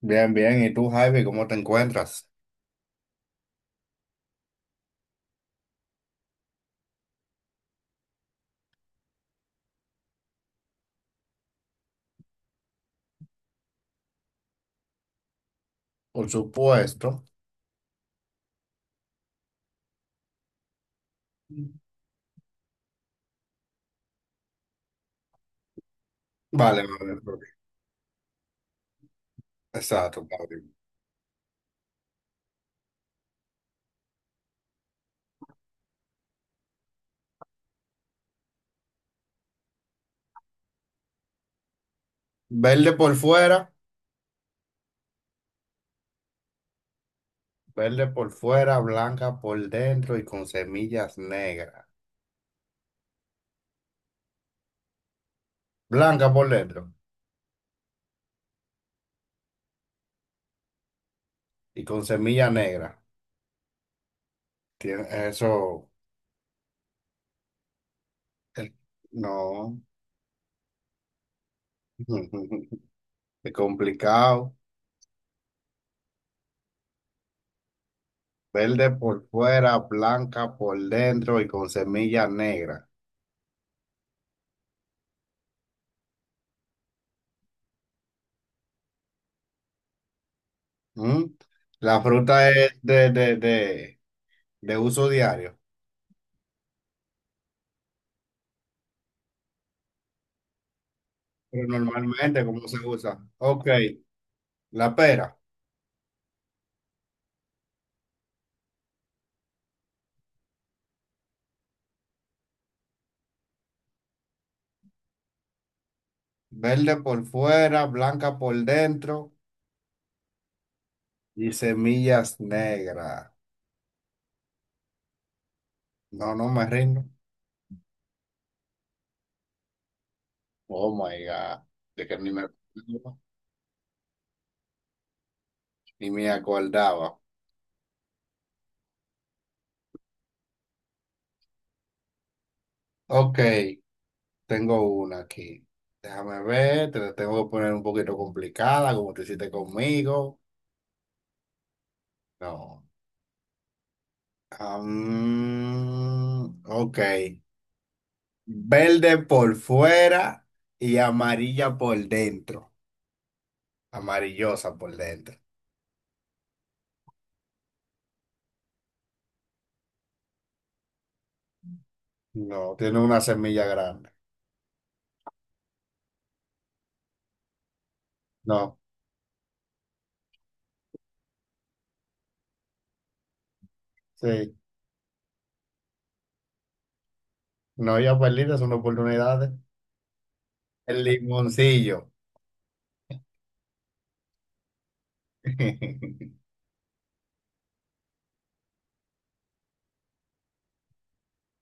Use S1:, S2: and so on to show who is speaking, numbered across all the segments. S1: Bien, bien. ¿Y tú, Javi, cómo te encuentras? Por supuesto. Vale, vale, vale. Exacto, vale. Verde por fuera, blanca por dentro y con semillas negras. Blanca por dentro y con semillas negras. Tiene eso. eh, No. Es complicado. Verde por fuera, blanca por dentro y con semillas negras. ¿Mm? La fruta es de uso diario. Pero normalmente, ¿cómo se usa? Ok, la pera. Verde por fuera, blanca por dentro y semillas negras. No, no me rindo. Oh my God. De que ni me, ni me acordaba. Ok, tengo una aquí. Déjame ver, te la tengo que poner un poquito complicada, como te hiciste conmigo. No. Ok. Verde por fuera y amarilla por dentro. Amarillosa por dentro. No, tiene una semilla grande. No, sí. No, ya perdidas son oportunidades. El limoncillo.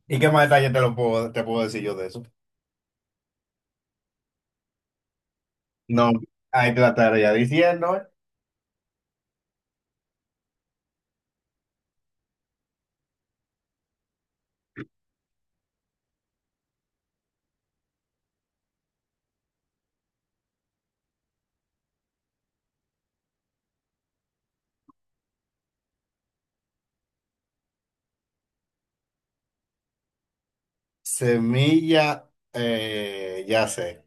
S1: ¿Y qué más detalle te lo puedo, te puedo decir yo de eso? No, ahí te la estaría diciendo. ¿Eh? Semilla, ya sé.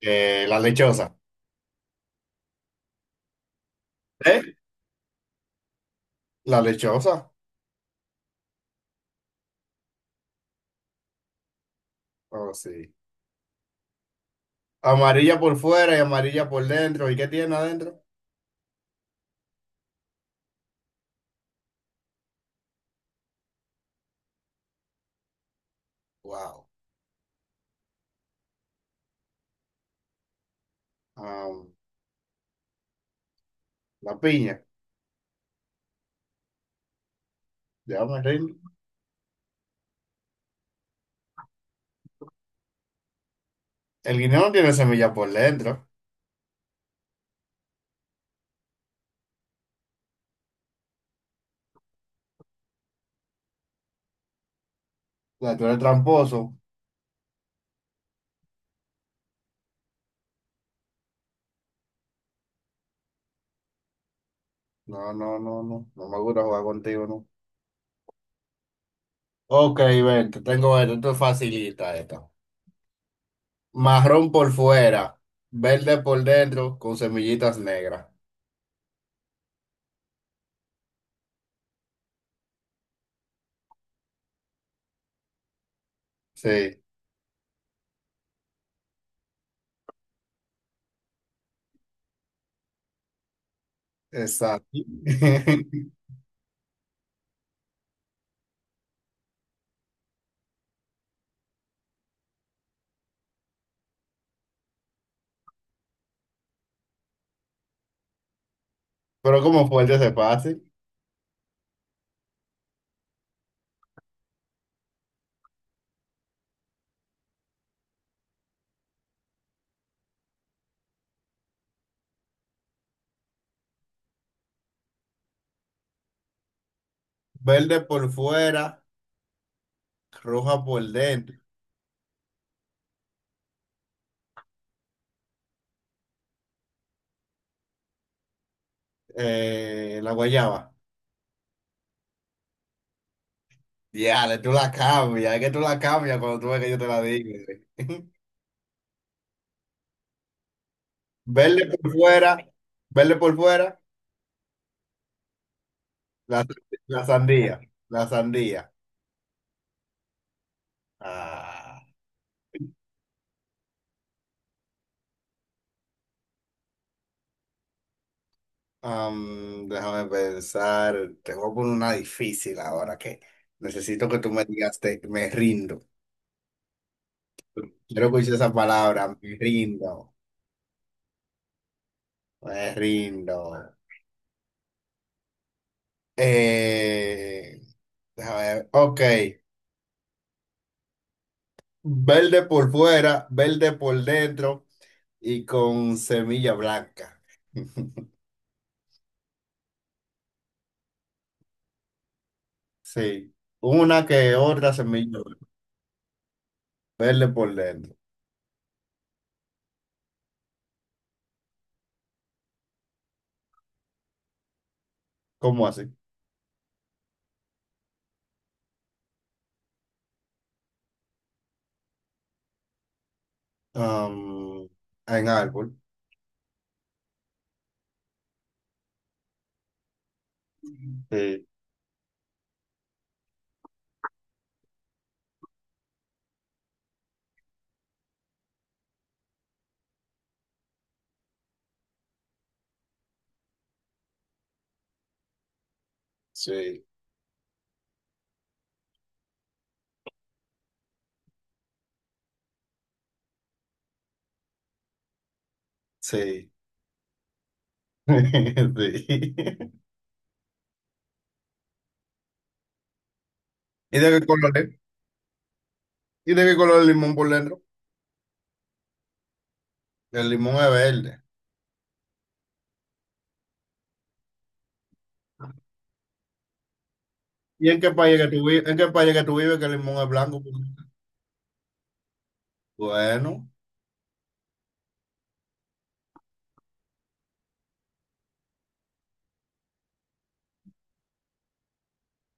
S1: La lechosa. ¿Eh? La lechosa. Oh, sí. Amarilla por fuera y amarilla por dentro. ¿Y qué tiene adentro? Wow. Ah, la piña. Ya me rindo. El guineo no tiene semilla por dentro. Ya, tú eres tramposo. No, no, no, no. No me gusta jugar contigo, no. Ok, ven, te tengo esto. Esto es facilita, esta. Marrón por fuera, verde por dentro, con semillitas negras. Sí, exacto. Pero como fuerte se pase. Verde por fuera, roja por dentro. La guayaba. Ya, tú la cambias. Es que tú la cambias cuando tú ves que yo te la digo. Verde por fuera, verde por fuera. La, la sandía, la sandía. Ah, déjame pensar, te voy a poner una difícil ahora que necesito que tú me digas, me rindo. Quiero escuchar esa palabra, me rindo. Eh, Déjame ver, ok. Verde por fuera, verde por dentro y con semilla blanca. Sí, una que otra semilla verde por dentro. ¿Cómo así? am, en árbol. Ujú. Sí, sí, sí. Sí. ¿Y de qué color es? ¿Y de qué color el limón por dentro? El limón es verde. ¿Y en qué país que tú vives? ¿En qué país que tú vives que el limón es blanco por dentro? Bueno,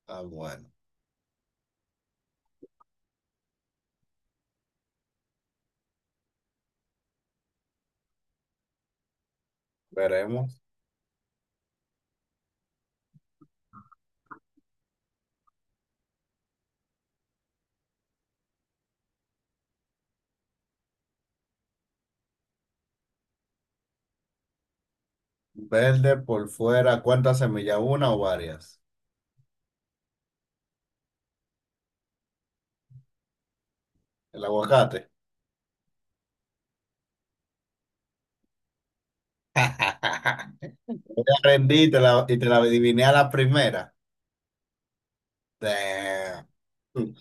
S1: ah, bueno. Veremos. Verde por fuera. ¿Cuántas semillas? ¿Una o varias? El aguacate. Yo te rendí y y te la adiviné a la primera. Damn.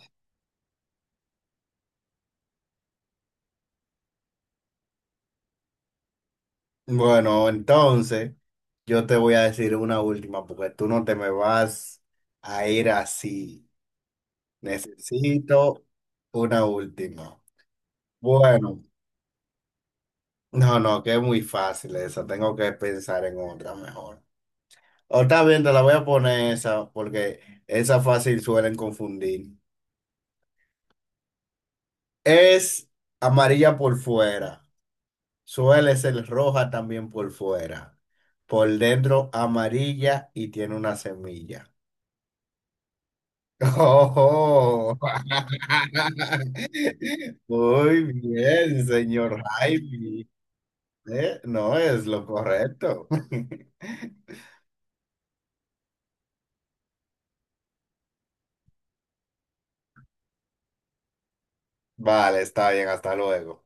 S1: Bueno, entonces yo te voy a decir una última porque tú no te me vas a ir así. Necesito una última. Bueno, no, no, que es muy fácil esa. Tengo que pensar en otra mejor. O está bien, te la voy a poner esa porque esa fácil suelen confundir. Es amarilla por fuera. Suele ser roja también por fuera. Por dentro amarilla y tiene una semilla. Oh, muy bien, señor Jaime. ¿Eh? No es lo correcto. Vale, está bien, hasta luego.